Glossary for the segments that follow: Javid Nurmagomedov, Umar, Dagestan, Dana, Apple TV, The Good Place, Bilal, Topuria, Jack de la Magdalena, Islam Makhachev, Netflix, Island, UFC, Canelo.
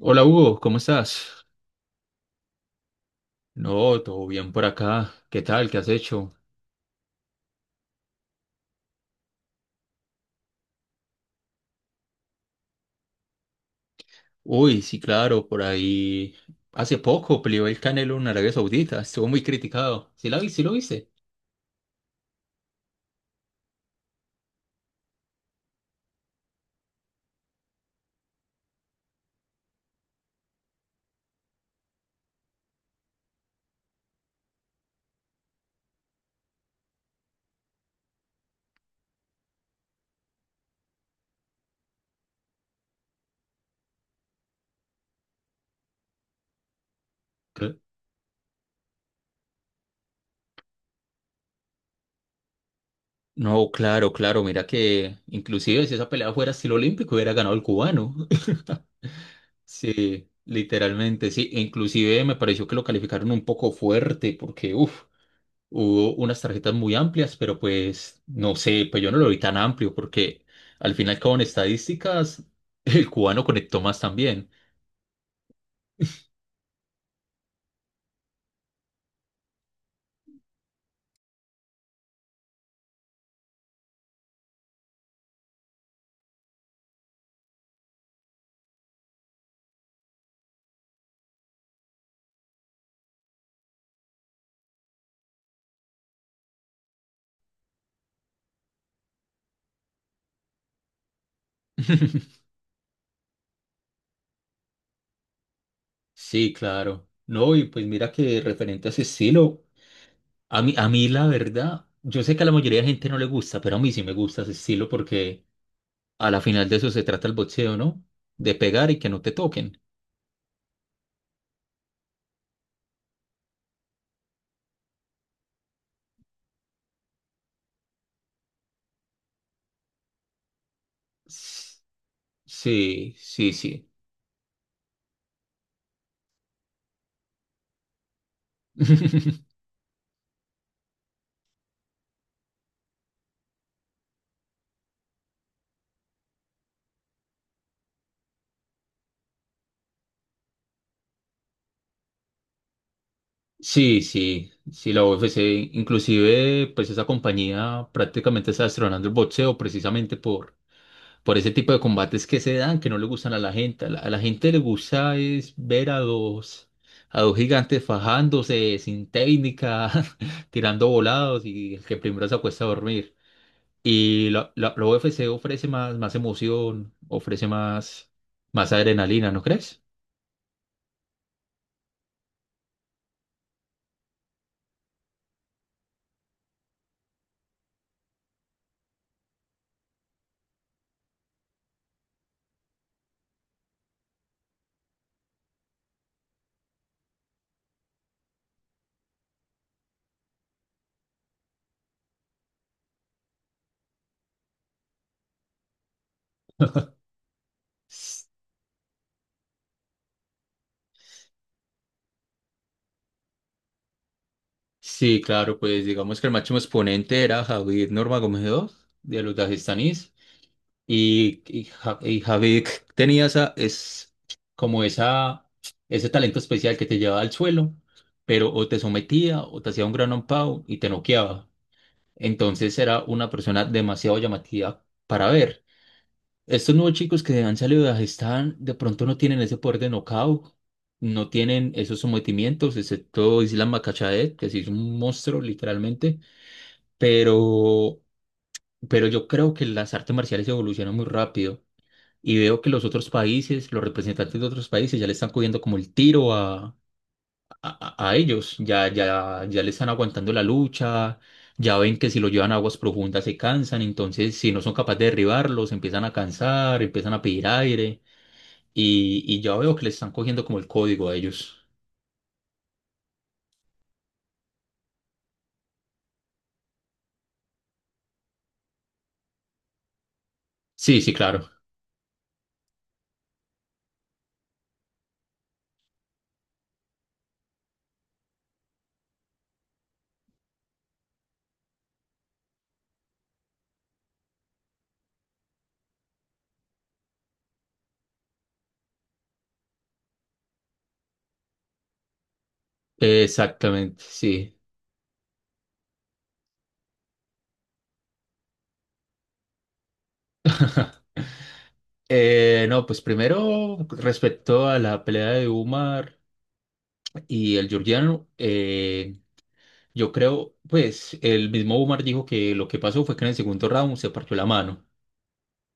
Hola Hugo, ¿cómo estás? No, todo bien por acá. ¿Qué tal? ¿Qué has hecho? Uy, sí, claro, por ahí. Hace poco peleó el Canelo en Arabia Saudita. Estuvo muy criticado. ¿Sí la vi? ¿Sí lo viste? Cre- No, claro, claro. Mira que inclusive si esa pelea fuera estilo olímpico hubiera ganado el cubano. Sí, literalmente, sí. E inclusive me pareció que lo calificaron un poco fuerte porque, uff. Hubo unas tarjetas muy amplias, pero pues no sé, pues yo no lo vi tan amplio porque al final con estadísticas el cubano conectó más también. Sí, claro. No, y pues mira que referente a ese estilo, a mí la verdad, yo sé que a la mayoría de gente no le gusta, pero a mí sí me gusta ese estilo porque a la final de eso se trata el boxeo, ¿no? De pegar y que no te toquen. S- Sí, sí, sí. Sí, sí, sí, la UFC, inclusive, pues esa compañía prácticamente está destronando el boxeo precisamente por ese tipo de combates que se dan, que no le gustan a la gente. A la gente le gusta es ver a dos gigantes fajándose sin técnica, tirando volados y el que primero se acuesta a dormir. Y la UFC ofrece más, más emoción, ofrece más, más adrenalina, ¿no crees? Sí, claro, pues digamos que el máximo exponente era Javid Nurmagomedov de los dagestanís y Javid tenía esa, es como esa, ese talento especial que te llevaba al suelo, pero o te sometía o te hacía un gran pound y te noqueaba. Entonces era una persona demasiado llamativa para ver. Estos nuevos chicos que han salido de Dagestán de pronto no tienen ese poder de knockout, no tienen esos sometimientos, excepto Islam Makhachev, que sí es un monstruo literalmente, pero, pero yo creo que las artes marciales evolucionan muy rápido y veo que los otros países, los representantes de otros países ya le están cogiendo como el tiro a ellos, ya le están aguantando la lucha, ya ven que si lo llevan a aguas profundas se cansan, entonces si no son capaces de derribarlos, empiezan a cansar, empiezan a pedir aire. Y ya veo que le están cogiendo como el código a ellos. Sí, sí, claro. Exactamente, sí. No, pues primero, respecto a la pelea de Umar y el georgiano, yo creo, pues el mismo Umar dijo que lo que pasó fue que en el segundo round se partió la mano.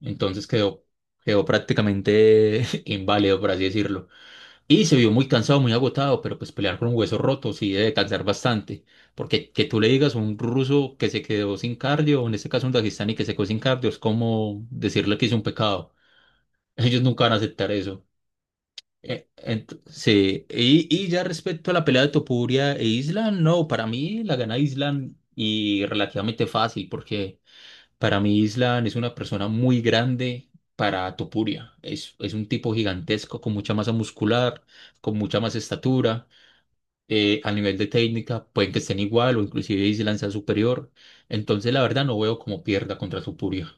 Entonces quedó, quedó prácticamente inválido, por así decirlo. Y se vio muy cansado, muy agotado, pero pues pelear con un hueso roto sí debe cansar bastante. Porque que tú le digas a un ruso que se quedó sin cardio, o en este caso un dagestani que se quedó sin cardio, es como decirle que hizo un pecado. Ellos nunca van a aceptar eso. Sí, y ya respecto a la pelea de Topuria e Island, no, para mí la gana Island y relativamente fácil, porque para mí, Island es una persona muy grande para Topuria. Es un tipo gigantesco, con mucha masa muscular, con mucha más estatura. A nivel de técnica, pueden que estén igual o inclusive Island sea superior. Entonces, la verdad, no veo cómo pierda contra Topuria.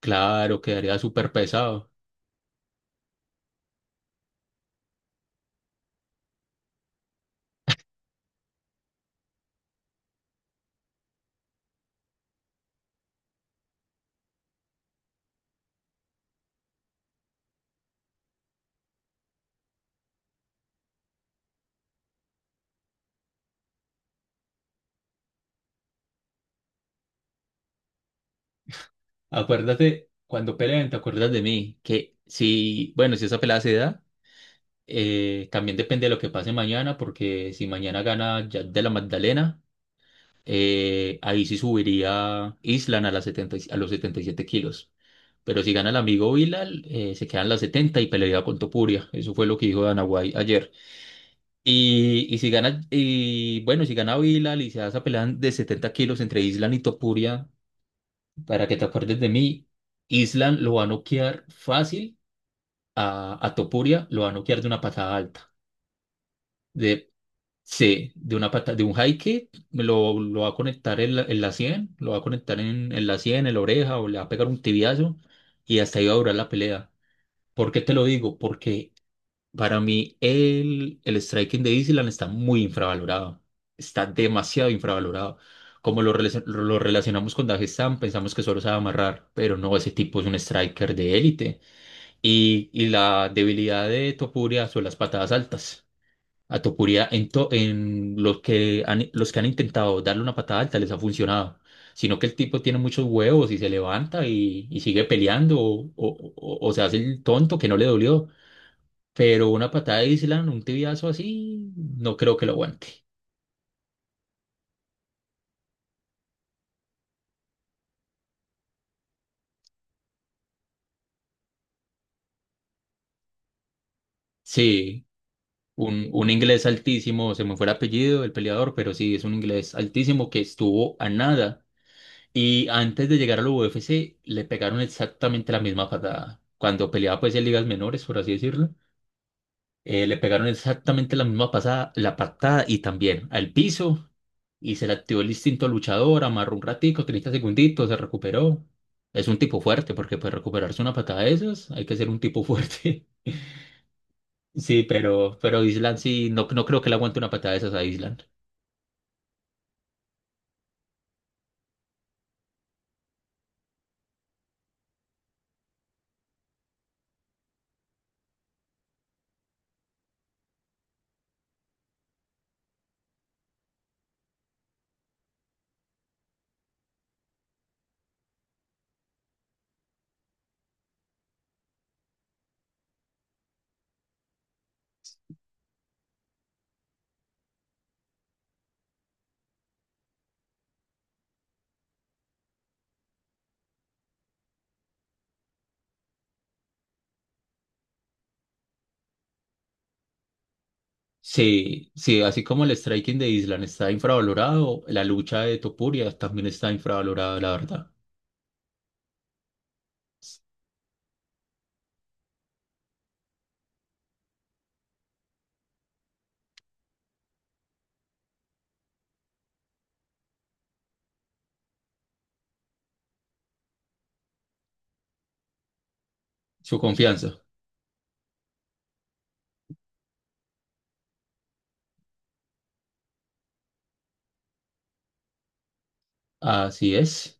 Claro, quedaría súper pesado. Acuérdate, cuando peleen, te acuerdas de mí, que si, bueno, si esa pelea se da, también depende de lo que pase mañana, porque si mañana gana Jack de la Magdalena. Ahí sí subiría Island a, las 70 a los 77 kilos. Pero si gana el amigo Bilal, se quedan las 70 y pelea con Topuria. Eso fue lo que dijo Dana ayer. Y si gana, y bueno, si gana Bilal y se hace esa pelea de 70 kilos entre Island y Topuria, para que te acuerdes de mí, Island lo va a noquear fácil a Topuria, lo va a noquear de una patada alta. De Sí, de una pata, de un high kick, lo va a conectar en en la sien, lo va a conectar en la sien, en la oreja, o le va a pegar un tibiazo, y hasta ahí va a durar la pelea. ¿Por qué te lo digo? Porque para mí el striking de Island está muy infravalorado. Está demasiado infravalorado. Lo relacionamos con Dagestan, pensamos que solo sabe amarrar, pero no, ese tipo es un striker de élite. Y la debilidad de Topuria son las patadas altas. A Topuria, en los que han intentado darle una patada alta les ha funcionado, sino que el tipo tiene muchos huevos y se levanta y sigue peleando o se hace el tonto que no le dolió, pero una patada de Island, un tibiazo así, no creo que lo aguante. Sí, un inglés altísimo, se me fue el apellido del peleador, pero sí, es un inglés altísimo que estuvo a nada. Y antes de llegar a la UFC le pegaron exactamente la misma patada. Cuando peleaba pues en ligas menores, por así decirlo. Le pegaron exactamente la misma pasada, la patada y también al piso. Y se le activó el instinto luchador, amarró un ratico, 30 segunditos, se recuperó. Es un tipo fuerte, porque para recuperarse una patada de esas hay que ser un tipo fuerte. Sí, pero Island sí, no, no creo que le aguante una patada de esas a Island. Sí, sí, así como el striking de Island está infravalorado, la lucha de Topuria también está infravalorada, la verdad. Su confianza. Así es.